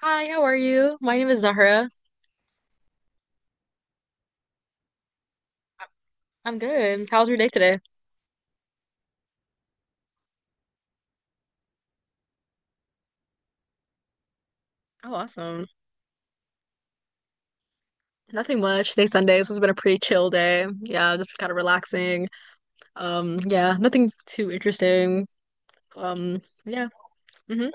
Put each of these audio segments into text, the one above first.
Hi, how are you? My name is Zahra. I'm good. How's your day today? Oh, awesome. Nothing much. Today's Sunday, so it's been a pretty chill day. Yeah, just kind of relaxing. Yeah, nothing too interesting. Um, yeah. Mm-hmm.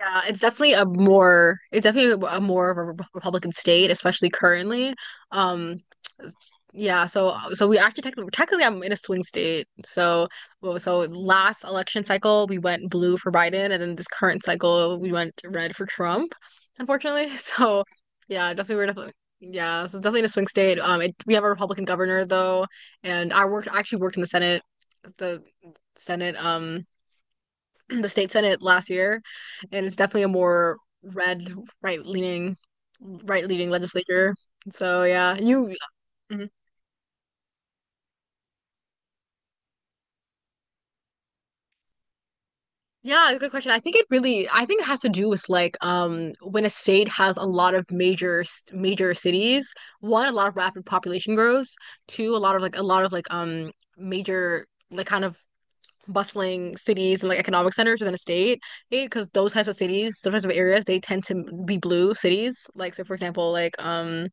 Yeah, it's definitely a more Republican state, especially currently. Um, yeah, so we actually technically I'm in a swing state. So well, so last election cycle we went blue for Biden, and then this current cycle we went red for Trump, unfortunately. So yeah, definitely we're definitely yeah, so it's definitely in a swing state. It, we have a Republican governor though, and I actually worked in the Senate, the Senate the state senate last year, and it's definitely a more red, right leaning, right leaning legislature. So yeah, you mhm. Yeah, good question. I think it really, I think it has to do with when a state has a lot of major major cities, one, a lot of rapid population growth, two, a lot of like major like kind of bustling cities and like economic centers within a state because those types of cities those types of areas they tend to be blue cities like so for example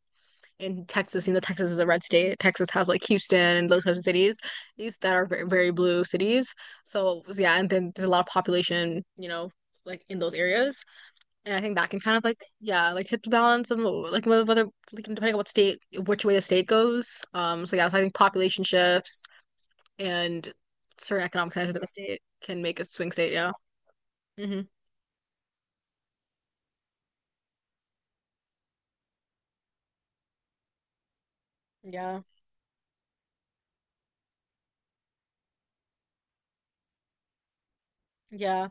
in Texas, you know, Texas is a red state. Texas has like Houston and those types of cities, these that are very, very blue cities. So yeah, and then there's a lot of population, you know, like in those areas. And I think that can kind of like yeah, like tip the balance of like whether like depending on what state, which way the state goes. So yeah, so I think population shifts and certain economic conditions of the state can make a swing state. Yeah. Hmm. Yeah. Yeah.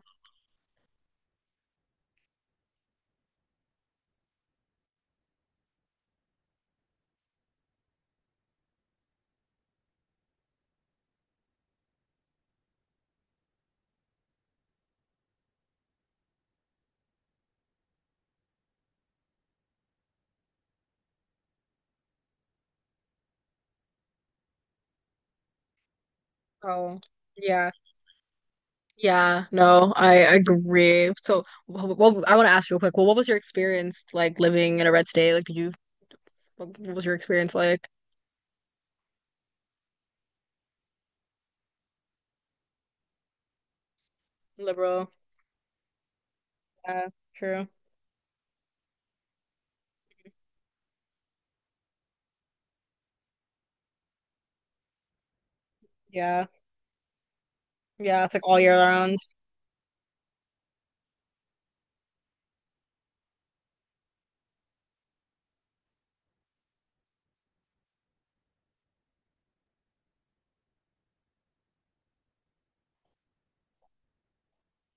Oh, yeah. Yeah, no, I agree. So, well, I want to ask real quick. Well, what was your experience like living in a red state? Like, did you, what was your experience like? Liberal. Yeah, true. Yeah. Yeah, it's like all year round.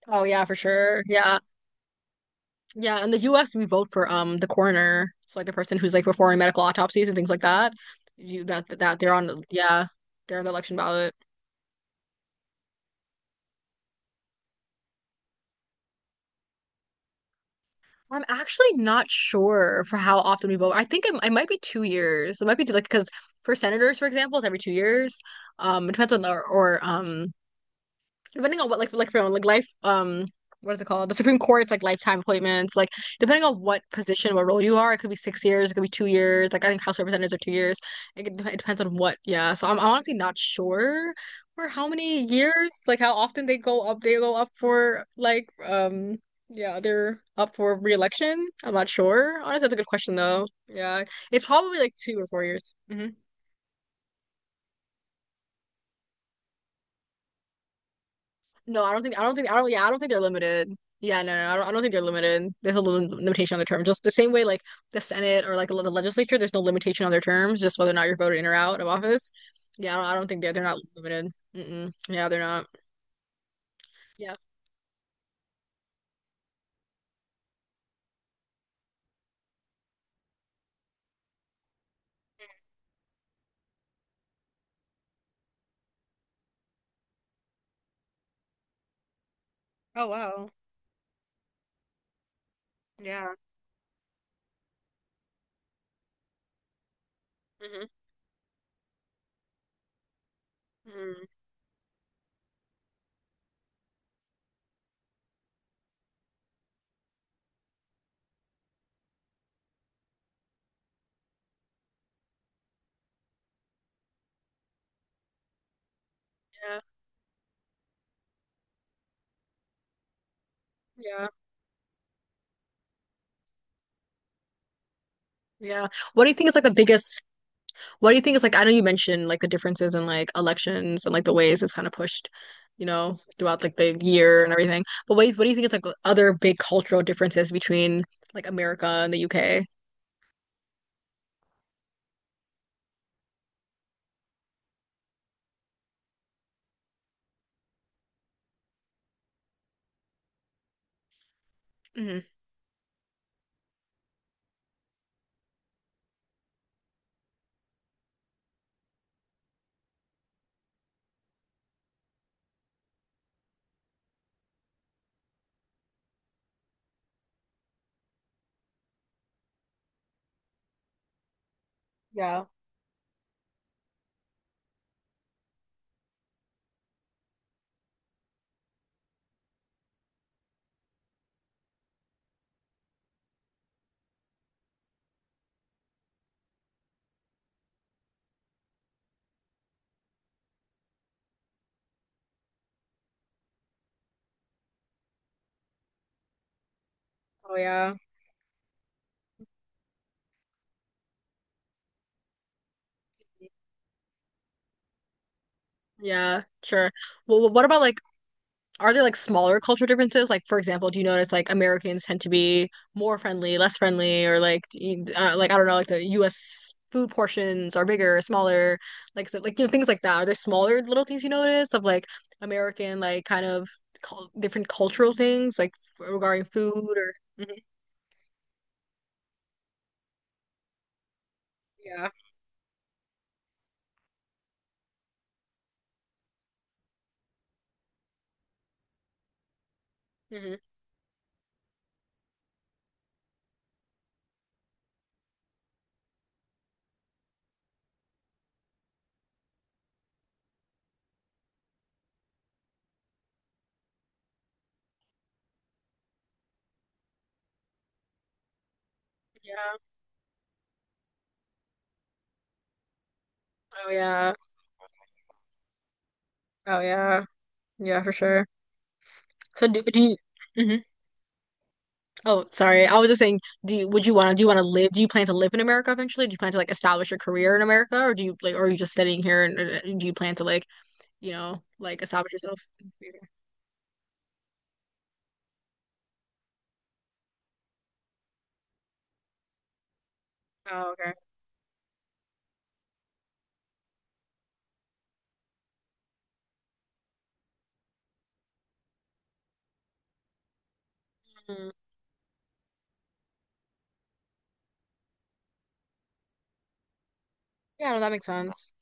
Oh yeah, for sure. Yeah. Yeah, in the US we vote for the coroner. So like the person who's like performing medical autopsies and things like that. You that that they're on the yeah, they're on the election ballot. I'm actually not sure for how often we vote. I think it might be 2 years. It might be like because for senators, for example, it's every 2 years. It depends on the or depending on what like for like life what is it called? The Supreme Court's like lifetime appointments. Like depending on what position, what role you are, it could be 6 years, it could be 2 years. Like I think House of Representatives are 2 years. It, could, it depends on what. Yeah. So I'm honestly not sure for how many years, like how often they go up. They go up for yeah they're up for re-election. I'm not sure. Honestly, that's a good question though. Yeah, it's probably like 2 or 4 years. Mhm. No, I don't yeah, I don't think they're limited. Yeah, no, no, no, I don't think they're limited. There's a little limitation on the term. Just the same way like the Senate or like the legislature, there's no limitation on their terms, just whether or not you're voted in or out of office. Yeah, I don't think they're not limited. Mm-mm. Yeah, they're not. Yeah. Oh wow. Yeah. Hmm. Hmm. Yeah. Yeah. Yeah. What do you think is like the biggest What do you think is like, I know you mentioned like the differences in like elections and like the ways it's kind of pushed, you know, throughout like the year and everything. But what do you think is like other big cultural differences between like America and the UK? Hmm. Yeah. Oh yeah. Yeah, sure. Well, what about like Are there like smaller cultural differences? Like, for example, do you notice like Americans tend to be more friendly, less friendly, or like, do you- like I don't know, like the U.S. food portions are bigger, smaller, like so, like you know things like that. Are there smaller little things you notice of like American like kind of cul different cultural things like regarding food or Mhm. Yeah. Hmm. Yeah. Oh yeah. Oh yeah. Yeah, for sure. So do you? Mhm. Oh, sorry. I was just saying, would you want to, do you want to live, do you plan to live in America eventually? Do you plan to like establish your career in America or do you like, or are you just sitting here and do you plan to like, you know, like establish yourself? Oh, okay. Mm. Yeah, no, that makes sense.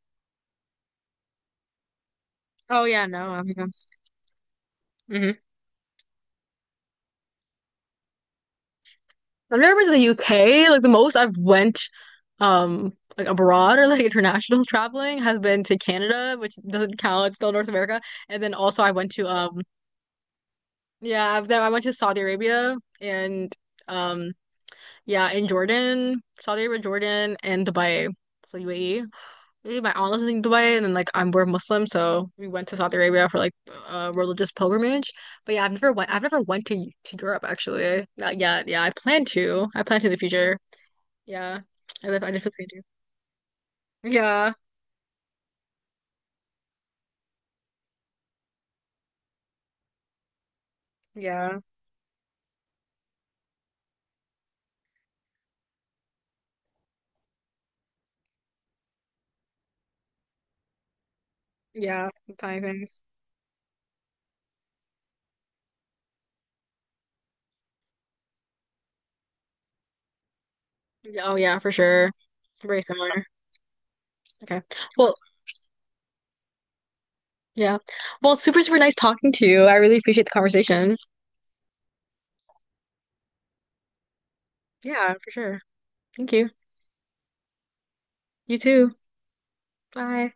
Oh, yeah, no, that makes sense. Hmm. I've never been to the UK. Like the most I've went, like abroad or like international traveling has been to Canada, which doesn't count. It's still North America. And then also I went to, yeah, I went to Saudi Arabia and, um Yeah, in Jordan, Saudi Arabia, Jordan, and Dubai. So UAE. Really, my aunt lives in Dubai, and then I'm we're Muslim, so we went to Saudi Arabia for like a religious pilgrimage. But yeah, I've never went. I've never went to Europe actually. Not yet. Yeah, I plan to. I plan to in the future. Yeah, I live. I definitely do. Yeah, yeah, yeah. Tiny things. Yeah, oh yeah, for sure. Very similar. Okay. Well, yeah. Well, super nice talking to you. I really appreciate the conversation. Yeah, for sure. Thank you. You too. Bye.